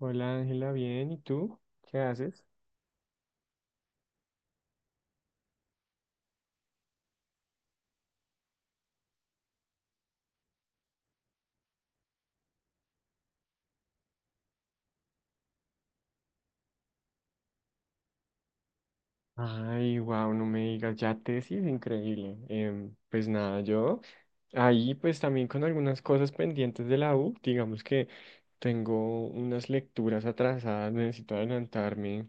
Hola Ángela, bien, ¿y tú? ¿Qué haces? Ay, wow, no me digas, ya tesis, increíble. Pues nada, yo ahí pues también con algunas cosas pendientes de la U, digamos que tengo unas lecturas atrasadas, necesito adelantarme.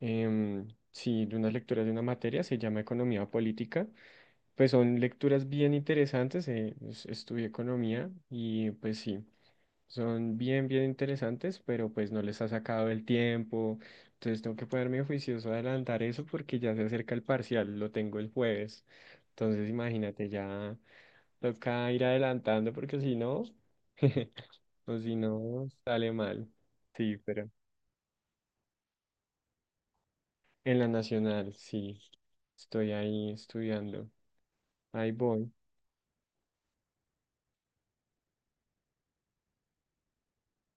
em, sí, de unas lecturas de una materia, se llama Economía Política. Pues son lecturas bien interesantes, estudié economía y pues sí. Son bien, bien interesantes, pero pues no les ha sacado el tiempo. Entonces tengo que ponerme juicioso a adelantar eso porque ya se acerca el parcial, lo tengo el jueves. Entonces imagínate, ya toca ir adelantando porque si no, o si no, sale mal. Sí, pero en la nacional, sí, estoy ahí estudiando. Ahí voy.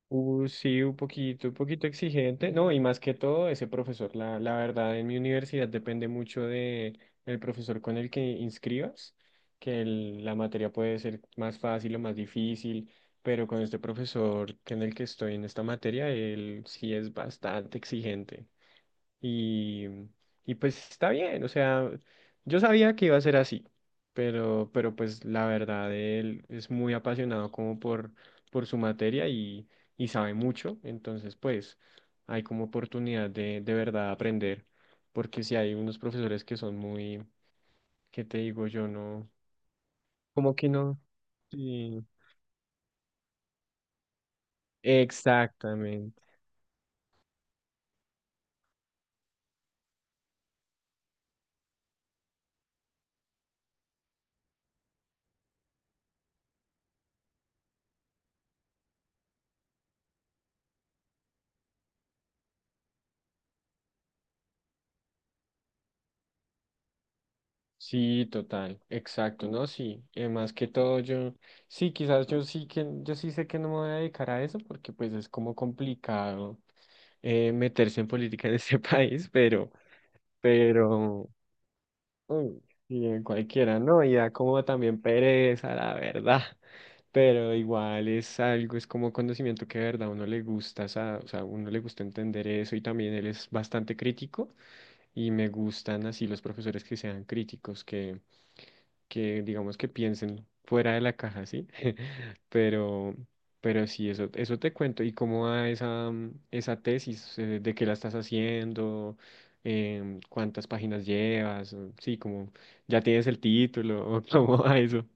Sí, un poquito exigente. No, y más que todo, ese profesor, la verdad, en mi universidad depende mucho de el profesor con el que inscribas, que la materia puede ser más fácil o más difícil, pero con este profesor que en el que estoy en esta materia, él sí es bastante exigente. Y, y pues está bien, o sea, yo sabía que iba a ser así, pero pues la verdad, él es muy apasionado como por su materia y sabe mucho, entonces pues hay como oportunidad de, verdad aprender, porque si hay unos profesores que son muy, ¿qué te digo? Yo no, como que no. Sí, exactamente. Sí, total, exacto, ¿no? Sí, más que todo yo, sí, quizás yo sí sé que no me voy a dedicar a eso porque pues es como complicado meterse en política en este país, pero, uy, sí, en cualquiera, ¿no? Y da como también pereza, la verdad, pero igual es algo, es como conocimiento que de verdad a uno le gusta, o sea, a uno le gusta entender eso y también él es bastante crítico y me gustan así los profesores que sean críticos, que digamos que piensen fuera de la caja, ¿sí? Pero, pero sí, eso te cuento. ¿Y cómo va esa tesis? ¿De qué la estás haciendo? ¿Cuántas páginas llevas? Sí, como ya tienes el título, o cómo va eso.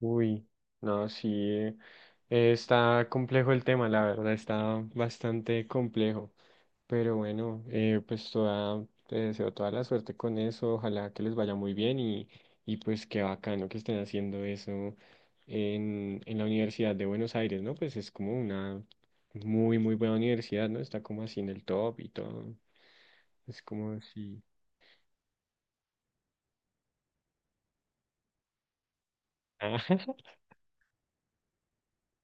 Uy, no, sí, está complejo el tema, la verdad, está bastante complejo. Pero bueno, pues toda, te deseo toda la suerte con eso, ojalá que les vaya muy bien y pues qué bacano que estén haciendo eso en, la Universidad de Buenos Aires, ¿no? Pues es como una muy, muy buena universidad, ¿no? Está como así en el top y todo, es como así.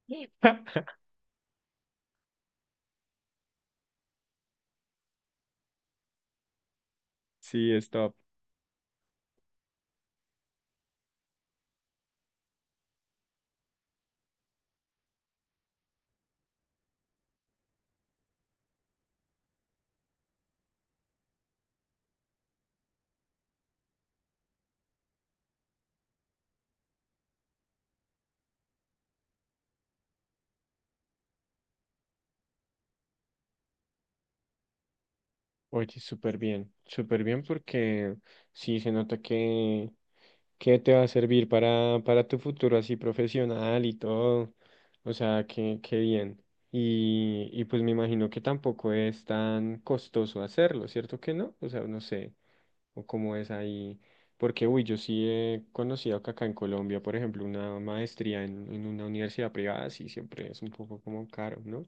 Sí, es top. Oye, súper bien porque sí se nota que te va a servir para tu futuro así profesional y todo. O sea, que bien. Y pues me imagino que tampoco es tan costoso hacerlo, ¿cierto que no? O sea, no sé, o cómo es ahí. Porque, uy, yo sí he conocido que acá en Colombia, por ejemplo, una maestría en, una universidad privada, sí, siempre es un poco como caro, ¿no?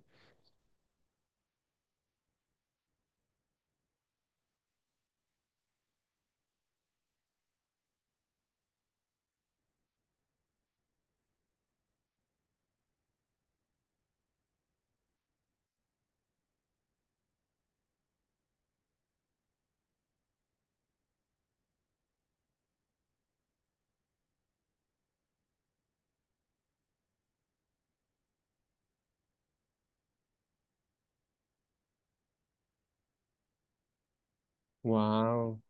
Wow.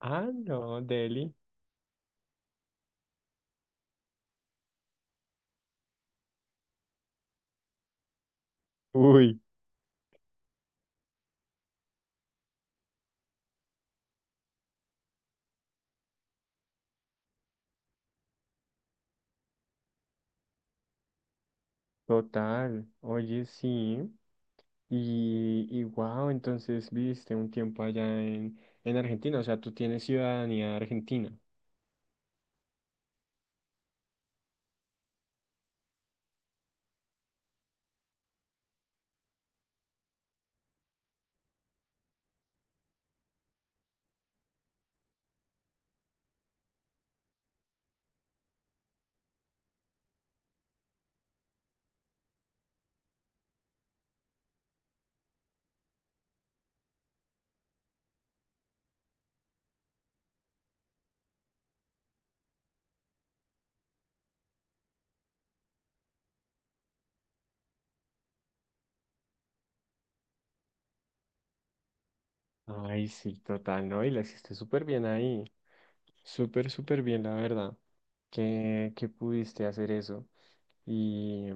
Ah, no, Deli. Uy, total. Oye, sí. Y wow, entonces viviste un tiempo allá en Argentina, o sea, tú tienes ciudadanía argentina. Ay, sí, total, ¿no? Y la hiciste súper bien ahí. Súper, súper bien, la verdad, que pudiste hacer eso. Y,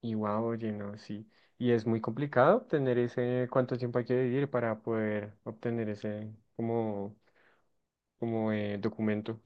y wow, oye, no, sí. Y es muy complicado obtener ese, cuánto tiempo hay que vivir para poder obtener ese como documento.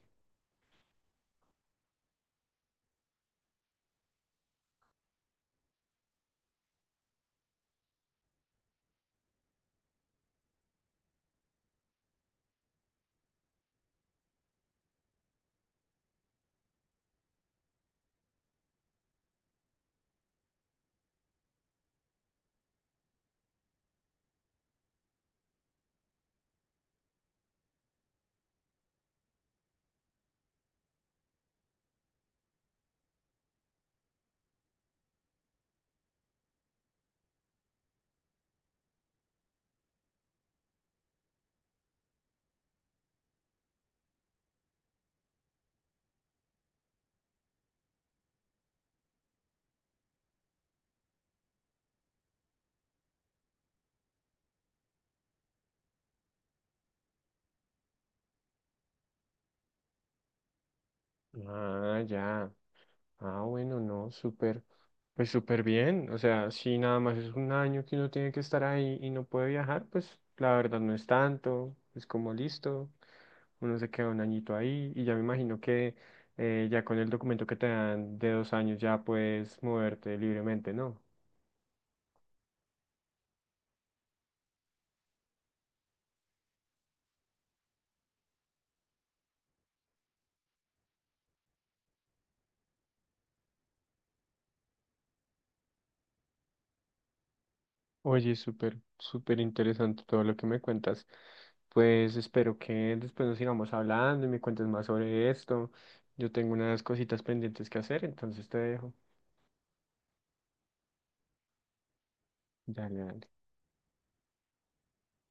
Ah, ya. Ah, bueno, no, súper, pues súper bien. O sea, si nada más es un año que uno tiene que estar ahí y no puede viajar, pues la verdad no es tanto, es como listo, uno se queda un añito ahí y ya me imagino que ya con el documento que te dan de 2 años ya puedes moverte libremente, ¿no? Oye, súper, súper interesante todo lo que me cuentas. Pues espero que después nos sigamos hablando y me cuentes más sobre esto. Yo tengo unas cositas pendientes que hacer, entonces te dejo. Dale, dale.